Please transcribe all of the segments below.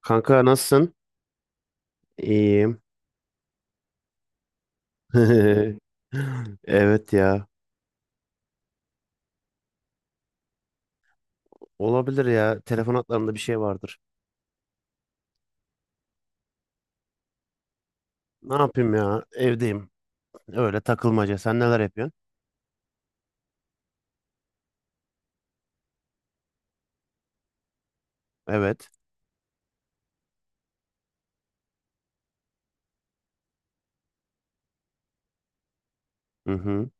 Kanka nasılsın? İyiyim. Evet ya. Olabilir ya. Telefon hatlarında bir şey vardır. Ne yapayım ya? Evdeyim. Öyle takılmaca. Sen neler yapıyorsun? Evet. Hı hı.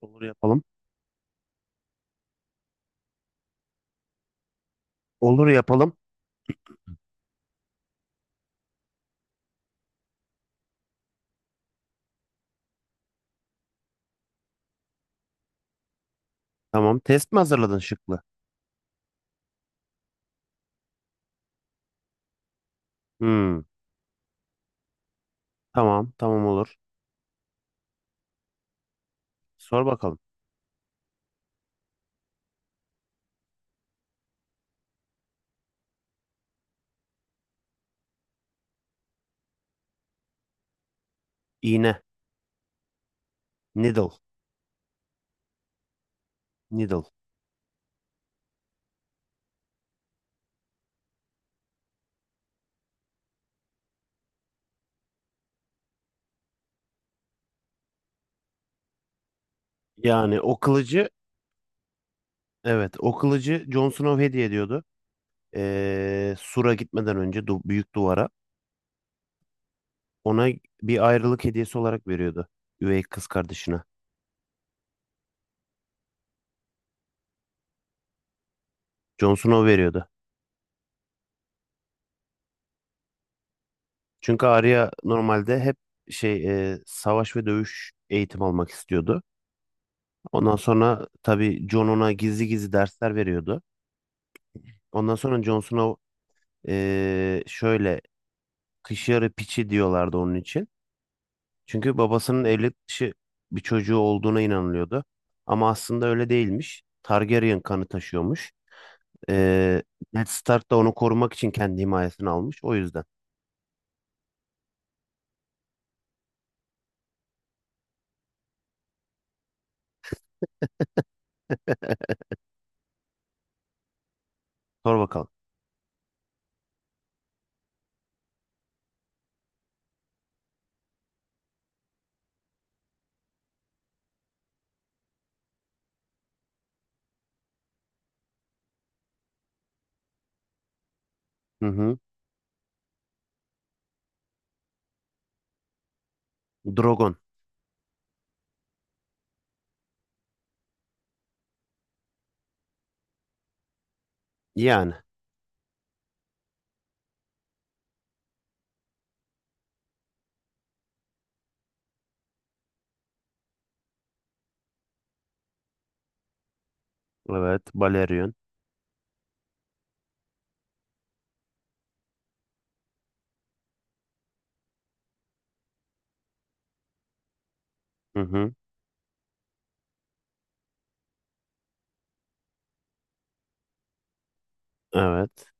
Olur yapalım. Olur yapalım. Tamam. Test mi hazırladın şıklı? Hmm. Tamam. Tamam olur. Sor bakalım. İğne. Needle. Needle. Yani o kılıcı evet o kılıcı Jon Snow hediye ediyordu. Sur'a gitmeden önce du büyük duvara. Ona bir ayrılık hediyesi olarak veriyordu. Üvey kız kardeşine. Jon Snow veriyordu. Çünkü Arya normalde hep şey savaş ve dövüş eğitim almak istiyordu. Ondan sonra tabii Jon ona gizli gizli dersler veriyordu. Ondan sonra Jon Snow e, şöyle kış yarı piçi diyorlardı onun için. Çünkü babasının evlilik dışı bir çocuğu olduğuna inanılıyordu. Ama aslında öyle değilmiş. Targaryen kanı taşıyormuş. E, Ned Stark da onu korumak için kendi himayesine almış. O yüzden. Sor bakalım. Hı hı. Drogon. Yani. Evet. Balerion. Hı hı. Evet.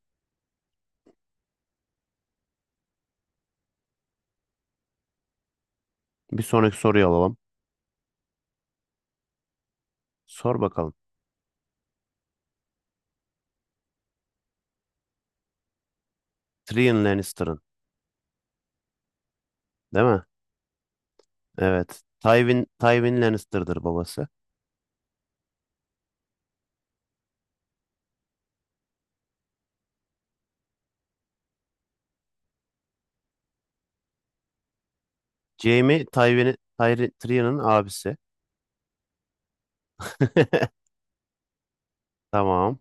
Bir sonraki soruyu alalım. Sor bakalım. Tyrion Lannister'ın. Değil mi? Evet. Tywin, Tywin Lannister'dır babası. Jaime Tywin'i Tyrion'un abisi. Tamam.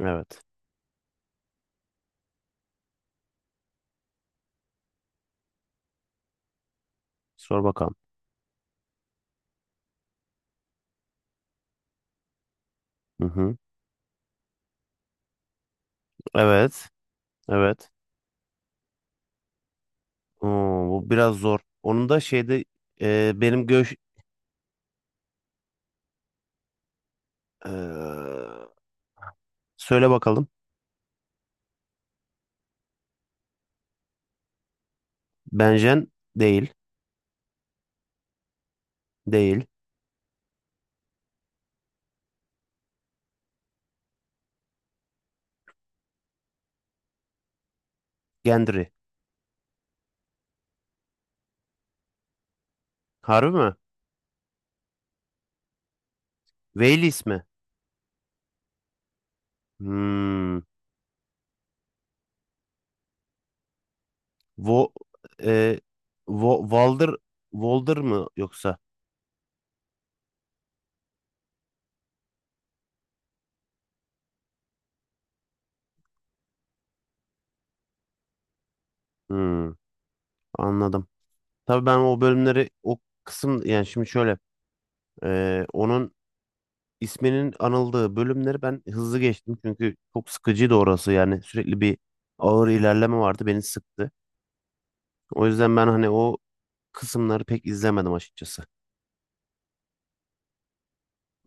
Evet. Sor bakalım. Hı hı. Evet. Evet. Oo, bu biraz zor. Onun da şeyde e, benim göç... e, söyle bakalım. Benjen değil. Değil. Gendry. Harbi mi? Wales mi? Hmm. Vo, e, Vo, Walder, Walder mı yoksa? Hmm, anladım. Tabii ben o bölümleri o kısım yani şimdi şöyle e, onun isminin anıldığı bölümleri ben hızlı geçtim çünkü çok sıkıcıydı orası yani sürekli bir ağır ilerleme vardı beni sıktı. O yüzden ben hani o kısımları pek izlemedim açıkçası.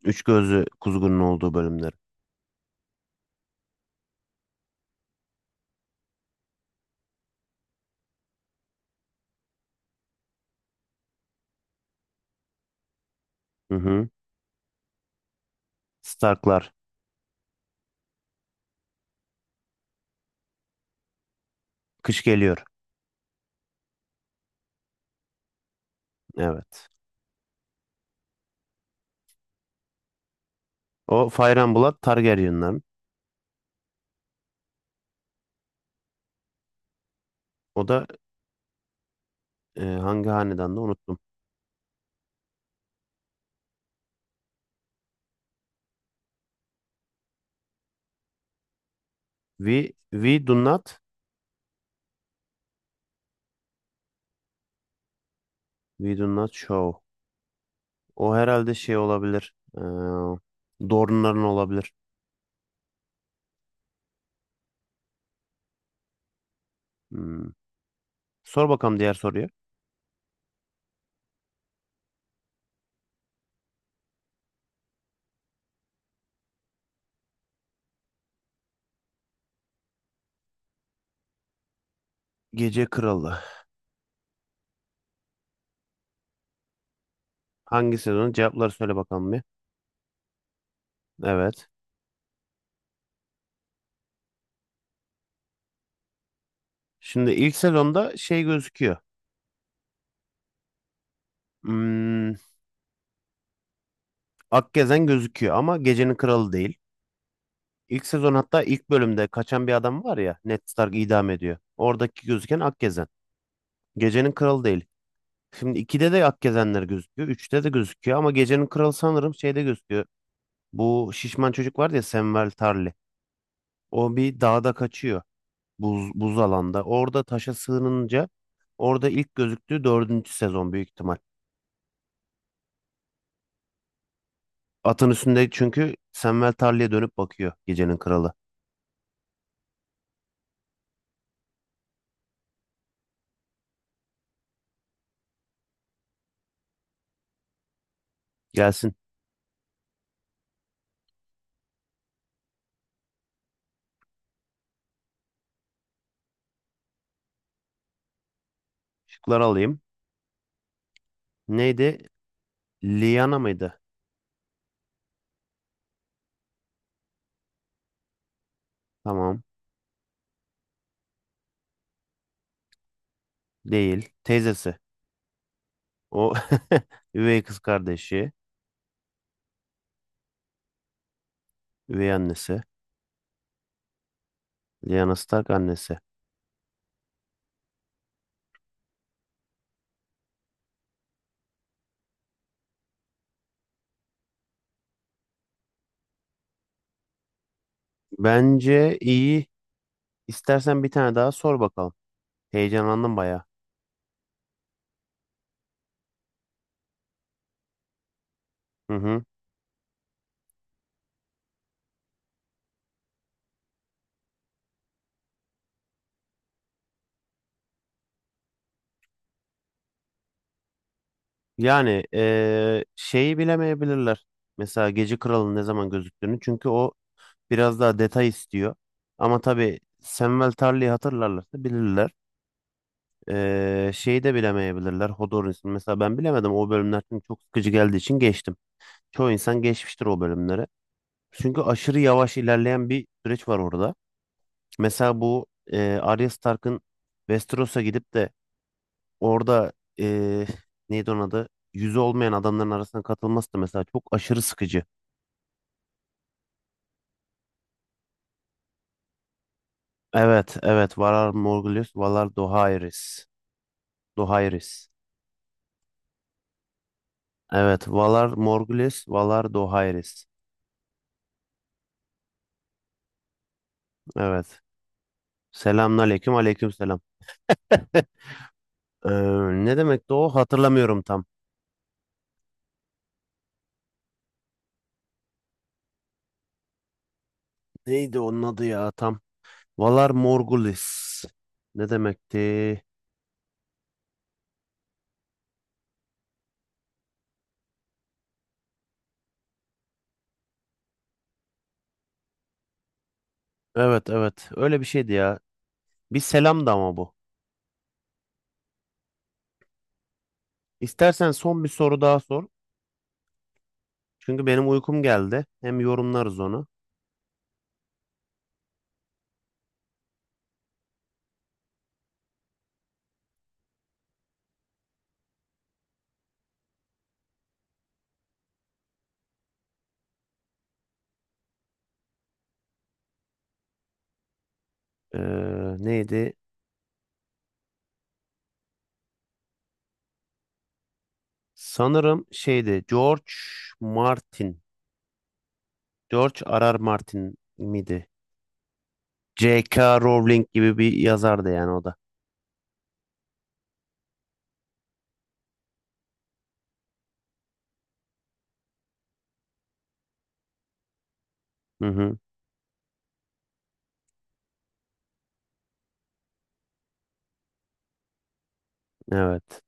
Üç gözlü kuzgunun olduğu bölümleri. Hı hı. Starklar. Kış geliyor. Evet. O Fire and Blood Targaryen'ların. O da hangi hanedanda unuttum. We, we do not, we do not show. O herhalde şey olabilir. Dorne'ların olabilir. Hmm. Sor bakalım diğer soruyu. Gece Kralı. Hangi sezonun? Cevapları söyle bakalım bir. Evet. Şimdi ilk sezonda şey gözüküyor. Hmm, Akgezen gözüküyor ama Gecenin Kralı değil. İlk sezon hatta ilk bölümde kaçan bir adam var ya. Ned Stark idam ediyor. Oradaki gözüken Akgezen. Gecenin Kralı değil. Şimdi 2'de de ak gezenler gözüküyor. Üçte de gözüküyor ama gecenin kralı sanırım şeyde gözüküyor. Bu şişman çocuk var ya Samuel Tarly. O bir dağda kaçıyor. Buz alanda. Orada taşa sığınınca orada ilk gözüktüğü dördüncü sezon büyük ihtimal. Atın üstünde çünkü Samuel Tarly'e dönüp bakıyor gecenin kralı. Gelsin. Şıkları alayım. Neydi? Liana mıydı? Tamam. Değil. Teyzesi. O üvey kız kardeşi. Üvey annesi. Liana Stark annesi. Bence iyi. İstersen bir tane daha sor bakalım. Heyecanlandım baya. Hı hı. Yani şeyi bilemeyebilirler. Mesela Gece Kralı'nın ne zaman gözüktüğünü. Çünkü o biraz daha detay istiyor. Ama tabii Samwell Tarly'i hatırlarlarsa bilirler. Şeyi de bilemeyebilirler. Hodor'un mesela ben bilemedim. O bölümler çünkü çok sıkıcı geldiği için geçtim. Çoğu insan geçmiştir o bölümleri. Çünkü aşırı yavaş ilerleyen bir süreç var orada. Mesela bu, Arya Stark'ın Westeros'a gidip de orada eee neydi onun adı? Yüzü olmayan adamların arasına katılması da mesela çok aşırı sıkıcı. Evet, evet. Valar Morghulis, Valar Dohaeris. Dohaeris. Evet, Valar Morghulis, Valar Dohaeris. Evet. Selamünaleyküm, aleykümselam. Ee, ne demekti o? Hatırlamıyorum tam. Neydi onun adı ya tam? Valar Morghulis. Ne demekti? Evet evet öyle bir şeydi ya. Bir selam da ama bu. İstersen son bir soru daha sor. Çünkü benim uykum geldi. Hem yorumlarız onu. Ee, neydi? Sanırım şeydi. George Martin. George R. R. Martin miydi? J.K. Rowling gibi bir yazardı yani o da. Hı hı. Evet.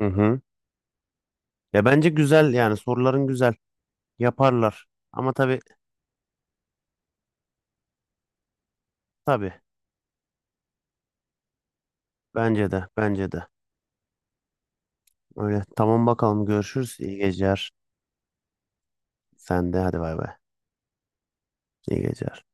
Hı hı. Ya bence güzel yani soruların güzel. Yaparlar. Ama tabii tabii. Bence de bence de. Öyle. Tamam bakalım görüşürüz. İyi geceler. Sen de hadi bay bay. İyi geceler.